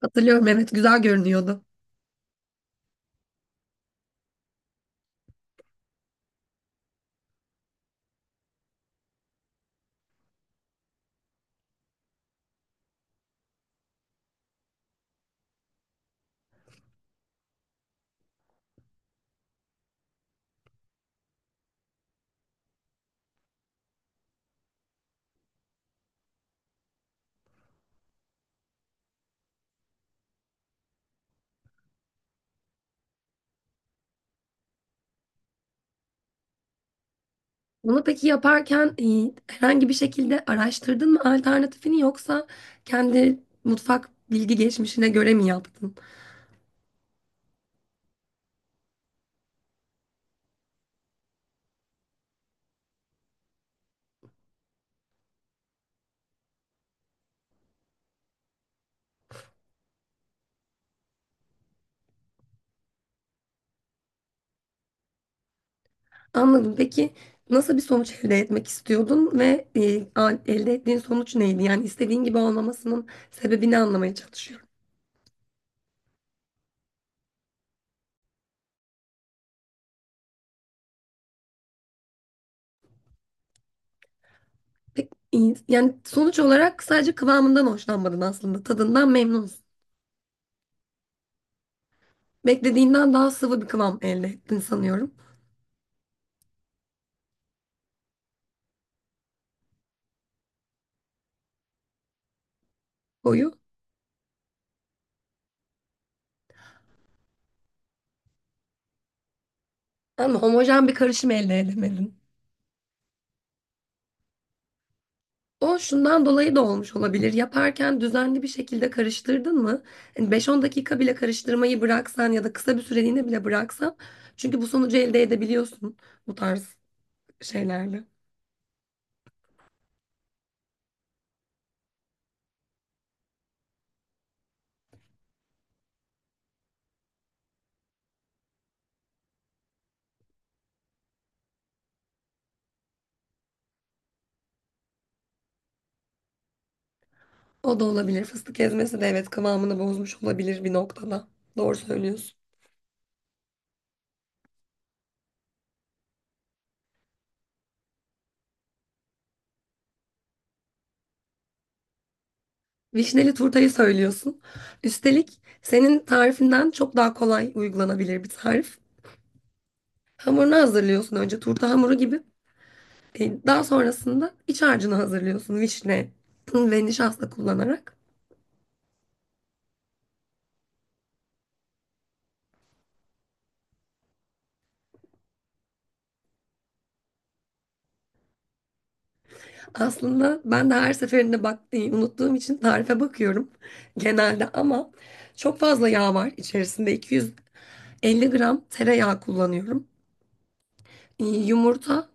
Hatırlıyorum, evet, güzel görünüyordu. Bunu peki yaparken herhangi bir şekilde araştırdın mı alternatifini, yoksa kendi mutfak bilgi geçmişine göre mi yaptın? Anladım. Peki nasıl bir sonuç elde etmek istiyordun ve elde ettiğin sonuç neydi? Yani istediğin gibi olmamasının sebebini anlamaya çalışıyorum. Peki, e, yani sonuç olarak sadece kıvamından hoşlanmadın aslında. Tadından memnunsun. Beklediğinden daha sıvı bir kıvam elde ettin sanıyorum. Koyu. Ama homojen bir karışım elde edemedin. O şundan dolayı da olmuş olabilir. Yaparken düzenli bir şekilde karıştırdın mı? Hani 5-10 dakika bile karıştırmayı bıraksan ya da kısa bir süreliğine bile bıraksan. Çünkü bu sonucu elde edebiliyorsun bu tarz şeylerle. O da olabilir. Fıstık ezmesi de, evet, kıvamını bozmuş olabilir bir noktada. Doğru söylüyorsun. Vişneli turtayı söylüyorsun. Üstelik senin tarifinden çok daha kolay uygulanabilir bir tarif. Hamurunu hazırlıyorsun önce, turta hamuru gibi. Daha sonrasında iç harcını hazırlıyorsun vişne ve nişasta kullanarak. Aslında ben de her seferinde bak, unuttuğum için tarife bakıyorum genelde, ama çok fazla yağ var içerisinde, 250 gram tereyağı kullanıyorum. Yumurta,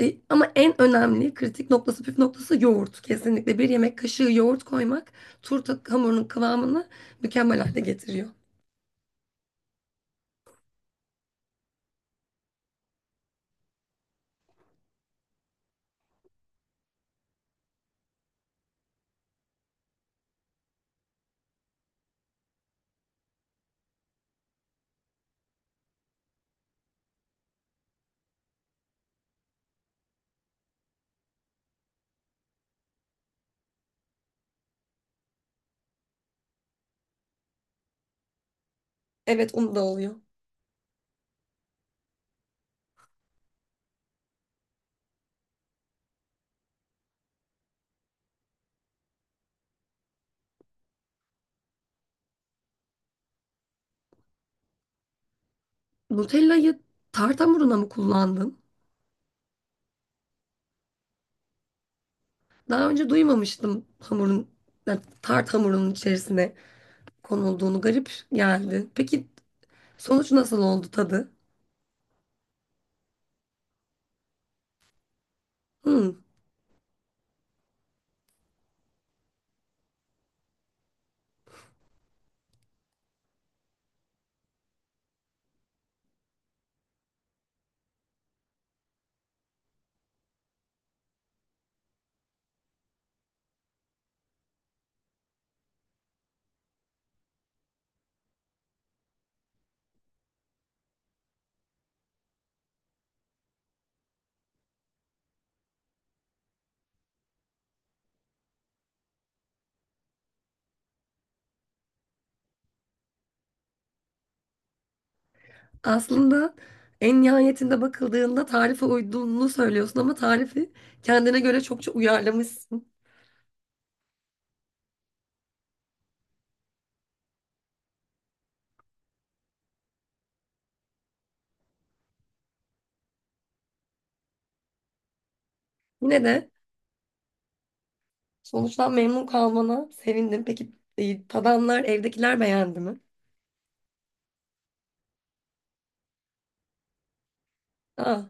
ama en önemli kritik noktası, püf noktası yoğurt. Kesinlikle bir yemek kaşığı yoğurt koymak turta hamurunun kıvamını mükemmel hale getiriyor. Evet, onu da oluyor. Nutella'yı tart hamuruna mı kullandın? Daha önce duymamıştım hamurun, yani tart hamurunun içerisine konulduğunu. Garip geldi. Peki sonuç nasıl oldu, tadı? Hmm. Aslında en nihayetinde bakıldığında tarife uyduğunu söylüyorsun, ama tarifi kendine göre çokça uyarlamışsın. Yine de sonuçtan memnun kalmana sevindim. Peki, tadanlar, evdekiler beğendi mi? Aa,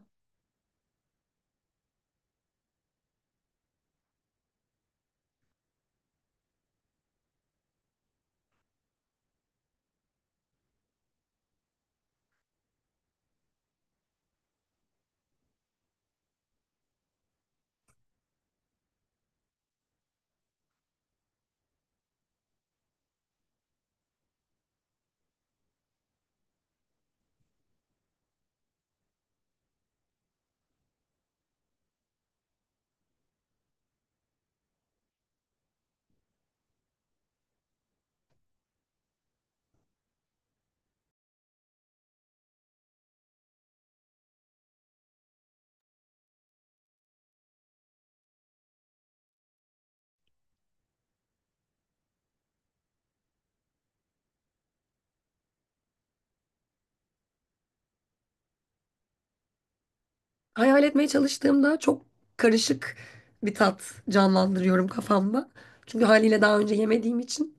hayal etmeye çalıştığımda çok karışık bir tat canlandırıyorum kafamda. Çünkü haliyle daha önce yemediğim için.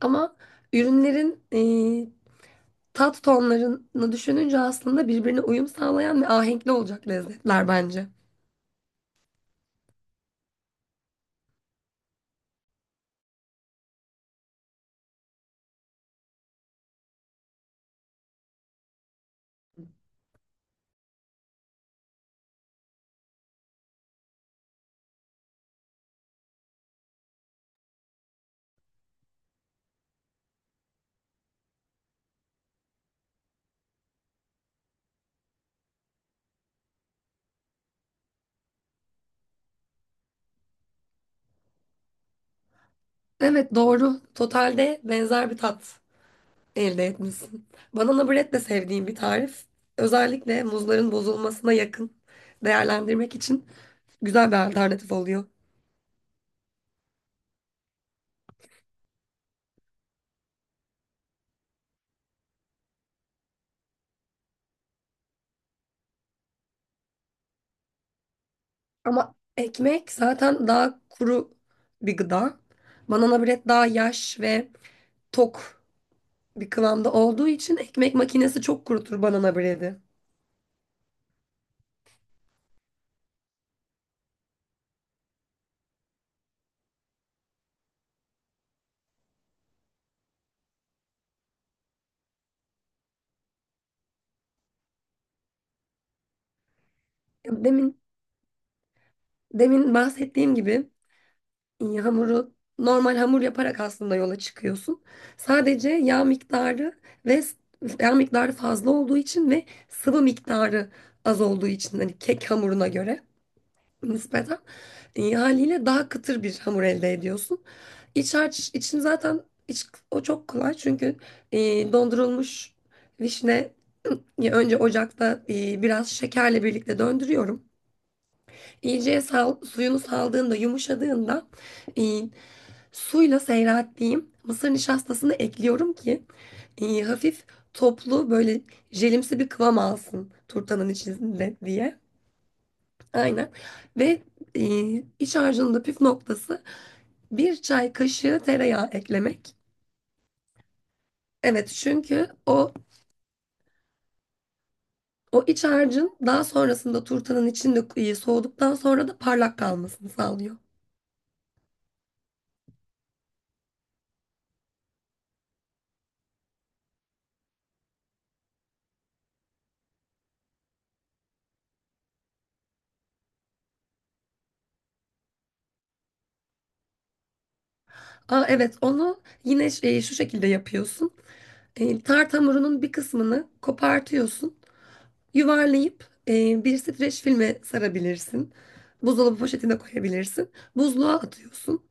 Ama ürünlerin tat tonlarını düşününce aslında birbirine uyum sağlayan ve ahenkli olacak lezzetler bence. Evet, doğru. Totalde benzer bir tat elde etmişsin. Banana bread de sevdiğim bir tarif. Özellikle muzların bozulmasına yakın değerlendirmek için güzel bir alternatif oluyor. Ama ekmek zaten daha kuru bir gıda. Banana bread daha yaş ve tok bir kıvamda olduğu için ekmek makinesi çok kurutur banana bread'i. Demin demin bahsettiğim gibi, hamuru normal hamur yaparak aslında yola çıkıyorsun. Sadece yağ miktarı ve s- yağ miktarı fazla olduğu için ve sıvı miktarı az olduğu için, hani kek hamuruna göre nispeten, haliyle daha kıtır bir hamur elde ediyorsun. İç harç için zaten o çok kolay, çünkü e, dondurulmuş vişne, önce ocakta biraz şekerle birlikte döndürüyorum. İyice suyunu saldığında, yumuşadığında, e, suyla seyrettiğim mısır nişastasını ekliyorum ki hafif toplu, böyle jelimsi bir kıvam alsın turtanın içinde diye. Aynen. Ve e, iç harcının da püf noktası bir çay kaşığı tereyağı eklemek. Evet, çünkü o iç harcın daha sonrasında turtanın içinde soğuduktan sonra da parlak kalmasını sağlıyor. Aa, evet, onu yine şey, şu şekilde yapıyorsun. Tart hamurunun bir kısmını kopartıyorsun. Yuvarlayıp bir streç filme sarabilirsin. Buzdolabı poşetine koyabilirsin. Buzluğa atıyorsun.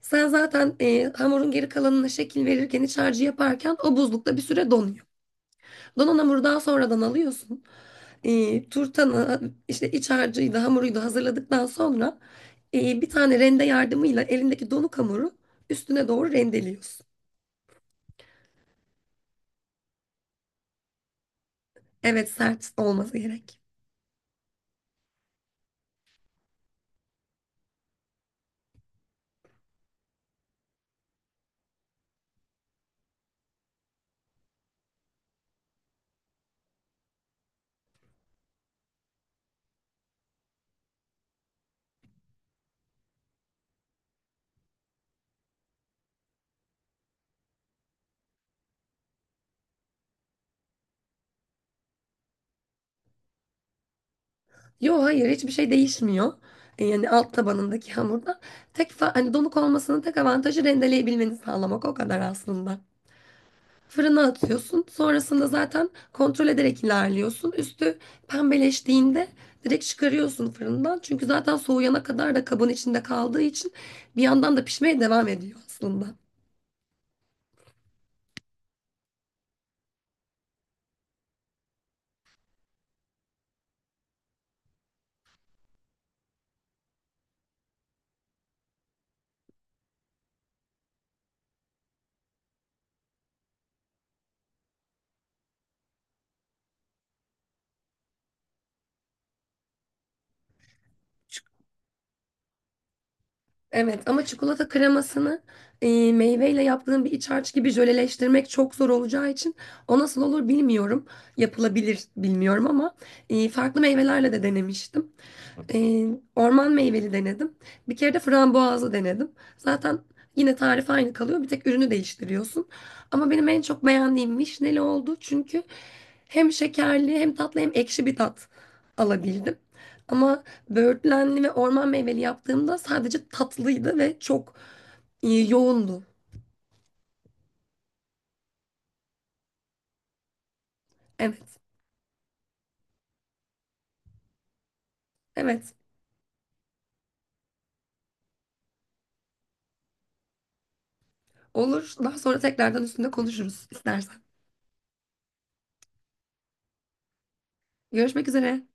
Sen zaten hamurun geri kalanına şekil verirken, iç harcı yaparken, o buzlukta bir süre donuyor. Donan hamuru daha sonradan alıyorsun. Turtanı işte iç harcıyı da hamuruyu da hazırladıktan sonra, bir tane rende yardımıyla elindeki donuk hamuru üstüne doğru rendeliyorsun. Evet, sert olması gerek. Yo, hayır, hiçbir şey değişmiyor. Yani alt tabanındaki hamurda hani donuk olmasının tek avantajı rendeleyebilmeni sağlamak, o kadar aslında. Fırına atıyorsun. Sonrasında zaten kontrol ederek ilerliyorsun. Üstü pembeleştiğinde direkt çıkarıyorsun fırından. Çünkü zaten soğuyana kadar da kabın içinde kaldığı için bir yandan da pişmeye devam ediyor aslında. Evet, ama çikolata kremasını meyveyle yaptığım bir iç harç gibi jöleleştirmek çok zor olacağı için o nasıl olur bilmiyorum. Yapılabilir, bilmiyorum, ama farklı meyvelerle de denemiştim. Ee, Orman meyveli denedim. Bir kere de frambuazlı denedim. Zaten yine tarif aynı kalıyor. Bir tek ürünü değiştiriyorsun. Ama benim en çok beğendiğim vişneli oldu. Çünkü hem şekerli, hem tatlı, hem ekşi bir tat alabildim. Ama böğürtlenli ve orman meyveli yaptığımda sadece tatlıydı ve çok yoğundu. Evet, evet. Olur. Daha sonra tekrardan üstünde konuşuruz istersen. Görüşmek üzere.